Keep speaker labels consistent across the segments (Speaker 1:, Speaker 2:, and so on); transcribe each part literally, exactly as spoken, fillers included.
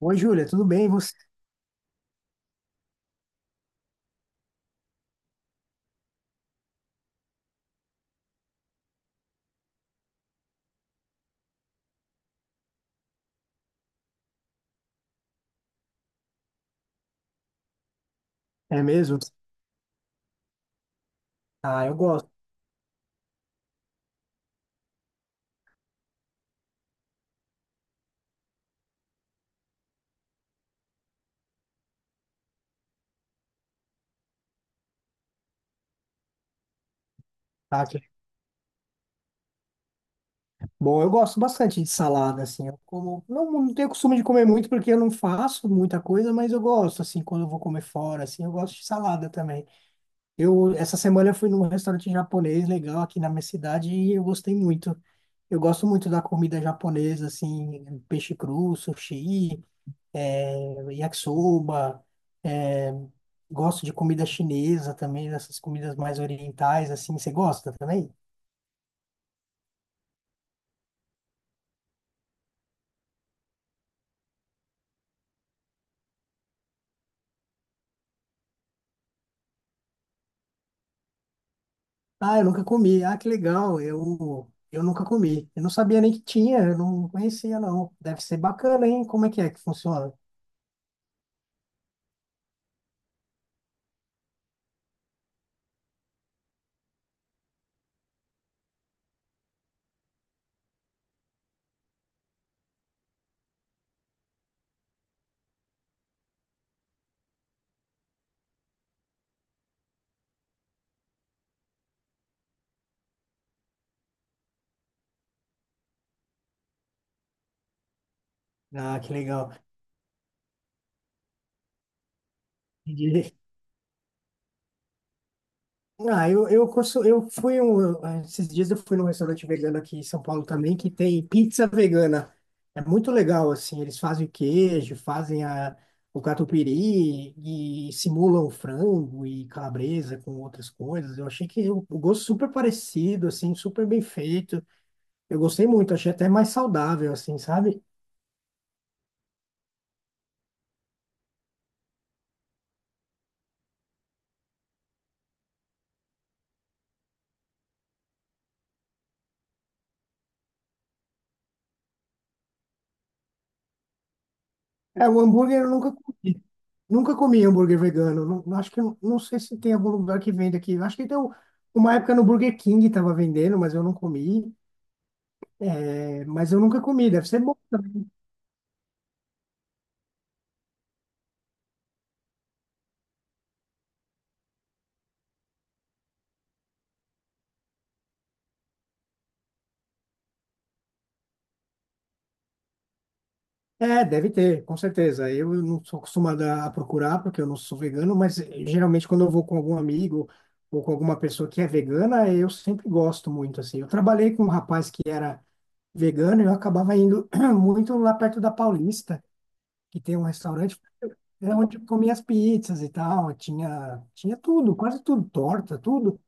Speaker 1: Oi, Júlia, tudo bem? E você? É mesmo? Ah, eu gosto, tá? Que- Bom, eu gosto bastante de salada, assim. Eu como, não, não tenho costume de comer muito porque eu não faço muita coisa, mas eu gosto, assim, quando eu vou comer fora, assim, eu gosto de salada também. Eu, essa semana eu fui num restaurante japonês legal aqui na minha cidade e eu gostei muito. Eu gosto muito da comida japonesa, assim, peixe cru, sushi, eh, yakisoba, eh, gosto de comida chinesa também, dessas comidas mais orientais, assim. Você gosta também? Ah, eu nunca comi. Ah, que legal. Eu, eu nunca comi. Eu não sabia nem que tinha, eu não conhecia, não. Deve ser bacana, hein? Como é que é que funciona? Ah, que legal. Entendi. Ah, eu, eu, consu- eu fui um. Esses dias eu fui num restaurante vegano aqui em São Paulo também, que tem pizza vegana. É muito legal, assim. Eles fazem o queijo, fazem a, o catupiry e simulam frango e calabresa com outras coisas. Eu achei que o o gosto super parecido, assim, super bem feito. Eu gostei muito, achei até mais saudável, assim, sabe? É, o hambúrguer eu nunca comi. Nunca comi hambúrguer vegano. Não, não- acho que não, não sei se tem algum lugar que vende aqui. Acho que tem um- Uma época no Burger King tava vendendo, mas eu não comi. É, mas eu nunca comi, deve ser bom também. É, deve ter, com certeza. Eu não sou acostumado a procurar, porque eu não sou vegano, mas eh, geralmente quando eu vou com algum amigo ou com alguma pessoa que é vegana, eu sempre gosto muito, assim. Eu trabalhei com um rapaz que era vegano e eu acabava indo muito lá perto da Paulista, que tem um restaurante, é onde eu comia as pizzas e tal, tinha, tinha tudo, quase tudo, torta, tudo.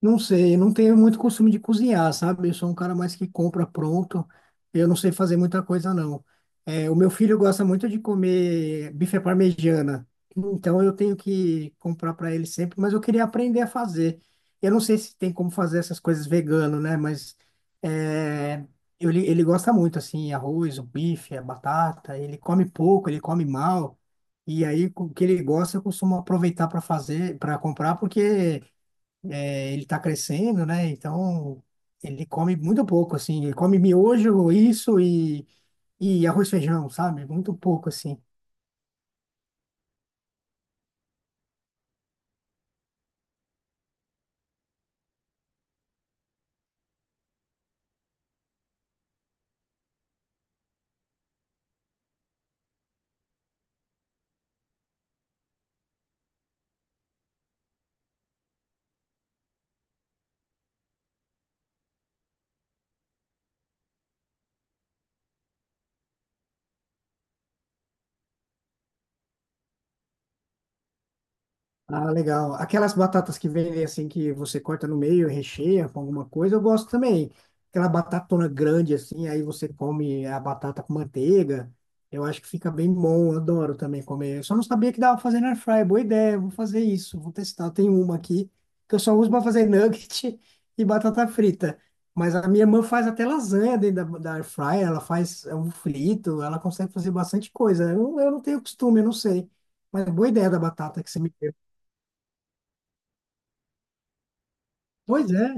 Speaker 1: Não sei, eu não tenho muito costume de cozinhar, sabe? Eu sou um cara mais que compra pronto. Eu não sei fazer muita coisa, não. É, o meu filho gosta muito de comer bife à parmegiana. Então eu tenho que comprar para ele sempre, mas eu queria aprender a fazer. Eu não sei se tem como fazer essas coisas vegano, né? Mas é, eu li- ele gosta muito, assim, arroz, o bife, a batata. Ele come pouco, ele come mal. E aí, com o que ele gosta, eu costumo aproveitar para fazer, para comprar, porque é, ele está crescendo, né? Então ele come muito pouco, assim. Ele come miojo, isso e, e arroz e feijão, sabe? Muito pouco, assim. Ah, legal. Aquelas batatas que vendem assim, que você corta no meio e recheia com alguma coisa, eu gosto também. Aquela batatona grande assim, aí você come a batata com manteiga. Eu acho que fica bem bom, eu adoro também comer. Eu só não sabia que dava pra fazer na air fryer. Boa ideia, vou fazer isso, vou testar. Eu tenho uma aqui que eu só uso para fazer nugget e batata frita. Mas a minha irmã faz até lasanha dentro da, da air fryer, ela faz ovo frito, ela consegue fazer bastante coisa. Eu, eu não tenho costume, eu não sei. Mas boa ideia da batata que você me deu. Pois é,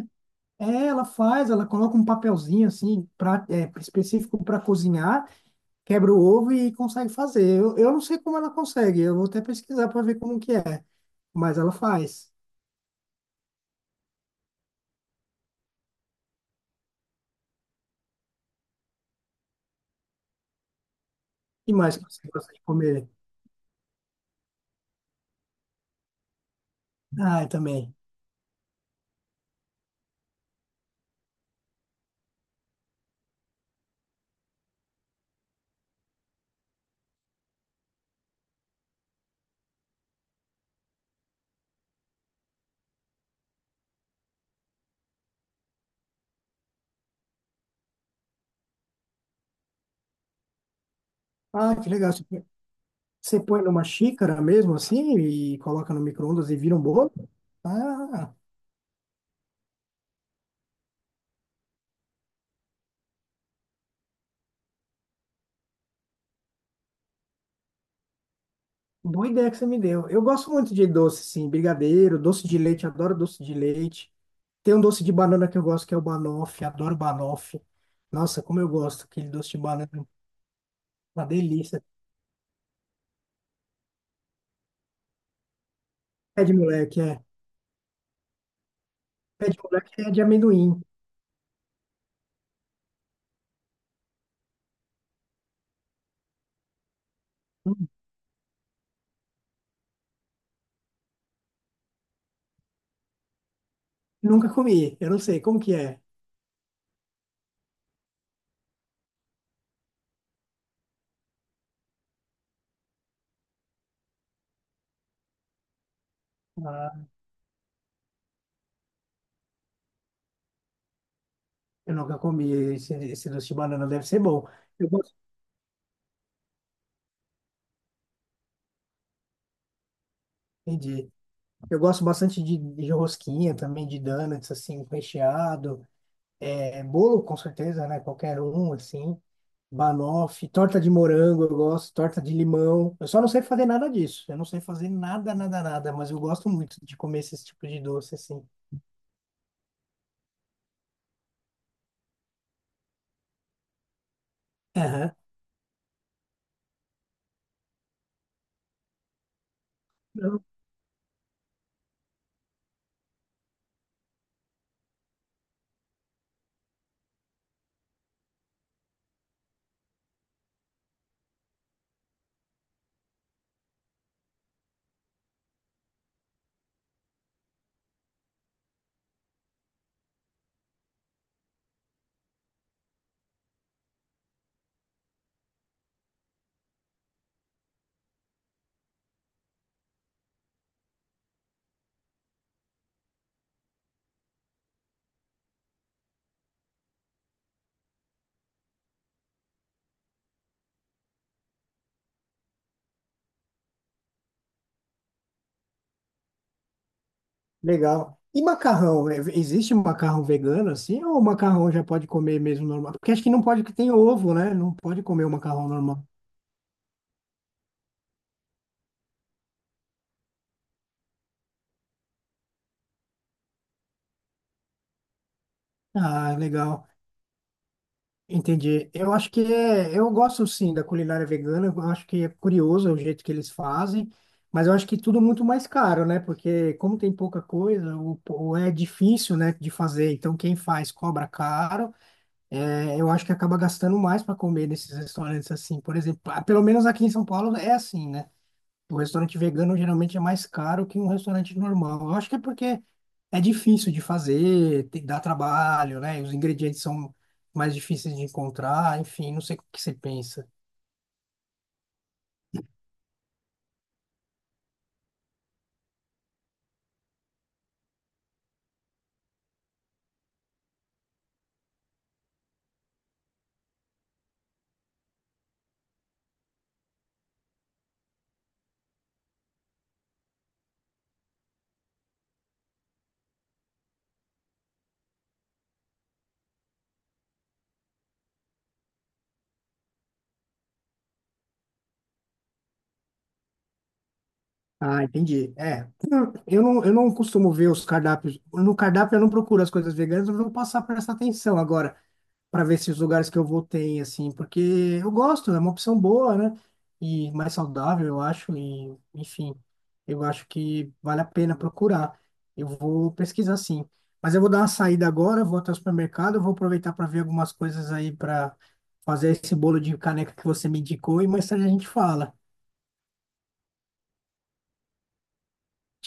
Speaker 1: é, ela faz, ela coloca um papelzinho assim, pra, é, específico para cozinhar, quebra o ovo e consegue fazer. Eu, eu não sei como ela consegue, eu vou até pesquisar para ver como que é, mas ela faz. E mais que você gosta de comer? Ah, eu também. Ah, que legal. Você põe você põe numa xícara mesmo assim e coloca no micro-ondas e vira um bolo? Ah, boa ideia que você me deu. Eu gosto muito de doce, sim, brigadeiro, doce de leite, adoro doce de leite. Tem um doce de banana que eu gosto, que é o banoffee. Adoro banoffee. Nossa, como eu gosto. Aquele doce de banana. Uma delícia. Pé de moleque, é. Pé de moleque é de amendoim. Hum, Nunca comi. Eu não sei como que é. Ah, eu nunca comi esse, esse doce de banana. Deve ser bom. Eu gosto, entendi. Eu gosto bastante de, de rosquinha também, de donuts, assim, recheado. É, bolo, com certeza, né? Qualquer um, assim. Banoffee, torta de morango, eu gosto, torta de limão. Eu só não sei fazer nada disso. Eu não sei fazer nada, nada, nada, mas eu gosto muito de comer esse tipo de doce assim. Aham. Não. Legal. E macarrão? É, existe macarrão vegano assim? Ou macarrão já pode comer mesmo normal? Porque acho que não pode que tem ovo, né? Não pode comer o macarrão normal. Ah, legal. Entendi. Eu acho que é, eu gosto sim da culinária vegana, eu acho que é curioso o jeito que eles fazem, mas eu acho que tudo muito mais caro, né? Porque como tem pouca coisa, ou, ou é difícil, né, de fazer, então quem faz cobra caro, é, eu acho que acaba gastando mais para comer nesses restaurantes assim. Por exemplo, ah, pelo menos aqui em São Paulo é assim, né? O restaurante vegano geralmente é mais caro que um restaurante normal. Eu acho que é porque é difícil de fazer, tem- dá trabalho, né? Os ingredientes são mais difíceis de encontrar, enfim, não sei o que você pensa. Ah, entendi. É, eu não, eu não costumo ver os cardápios. No cardápio eu não procuro as coisas veganas, eu vou passar a prestar atenção agora, para ver se os lugares que eu vou tem, assim, porque eu gosto, é uma opção boa, né? E mais saudável, eu acho, e enfim, eu acho que vale a pena procurar. Eu vou pesquisar sim. Mas eu vou dar uma saída agora, vou até o supermercado, vou aproveitar para ver algumas coisas aí para fazer esse bolo de caneca que você me indicou e mais tarde a gente fala.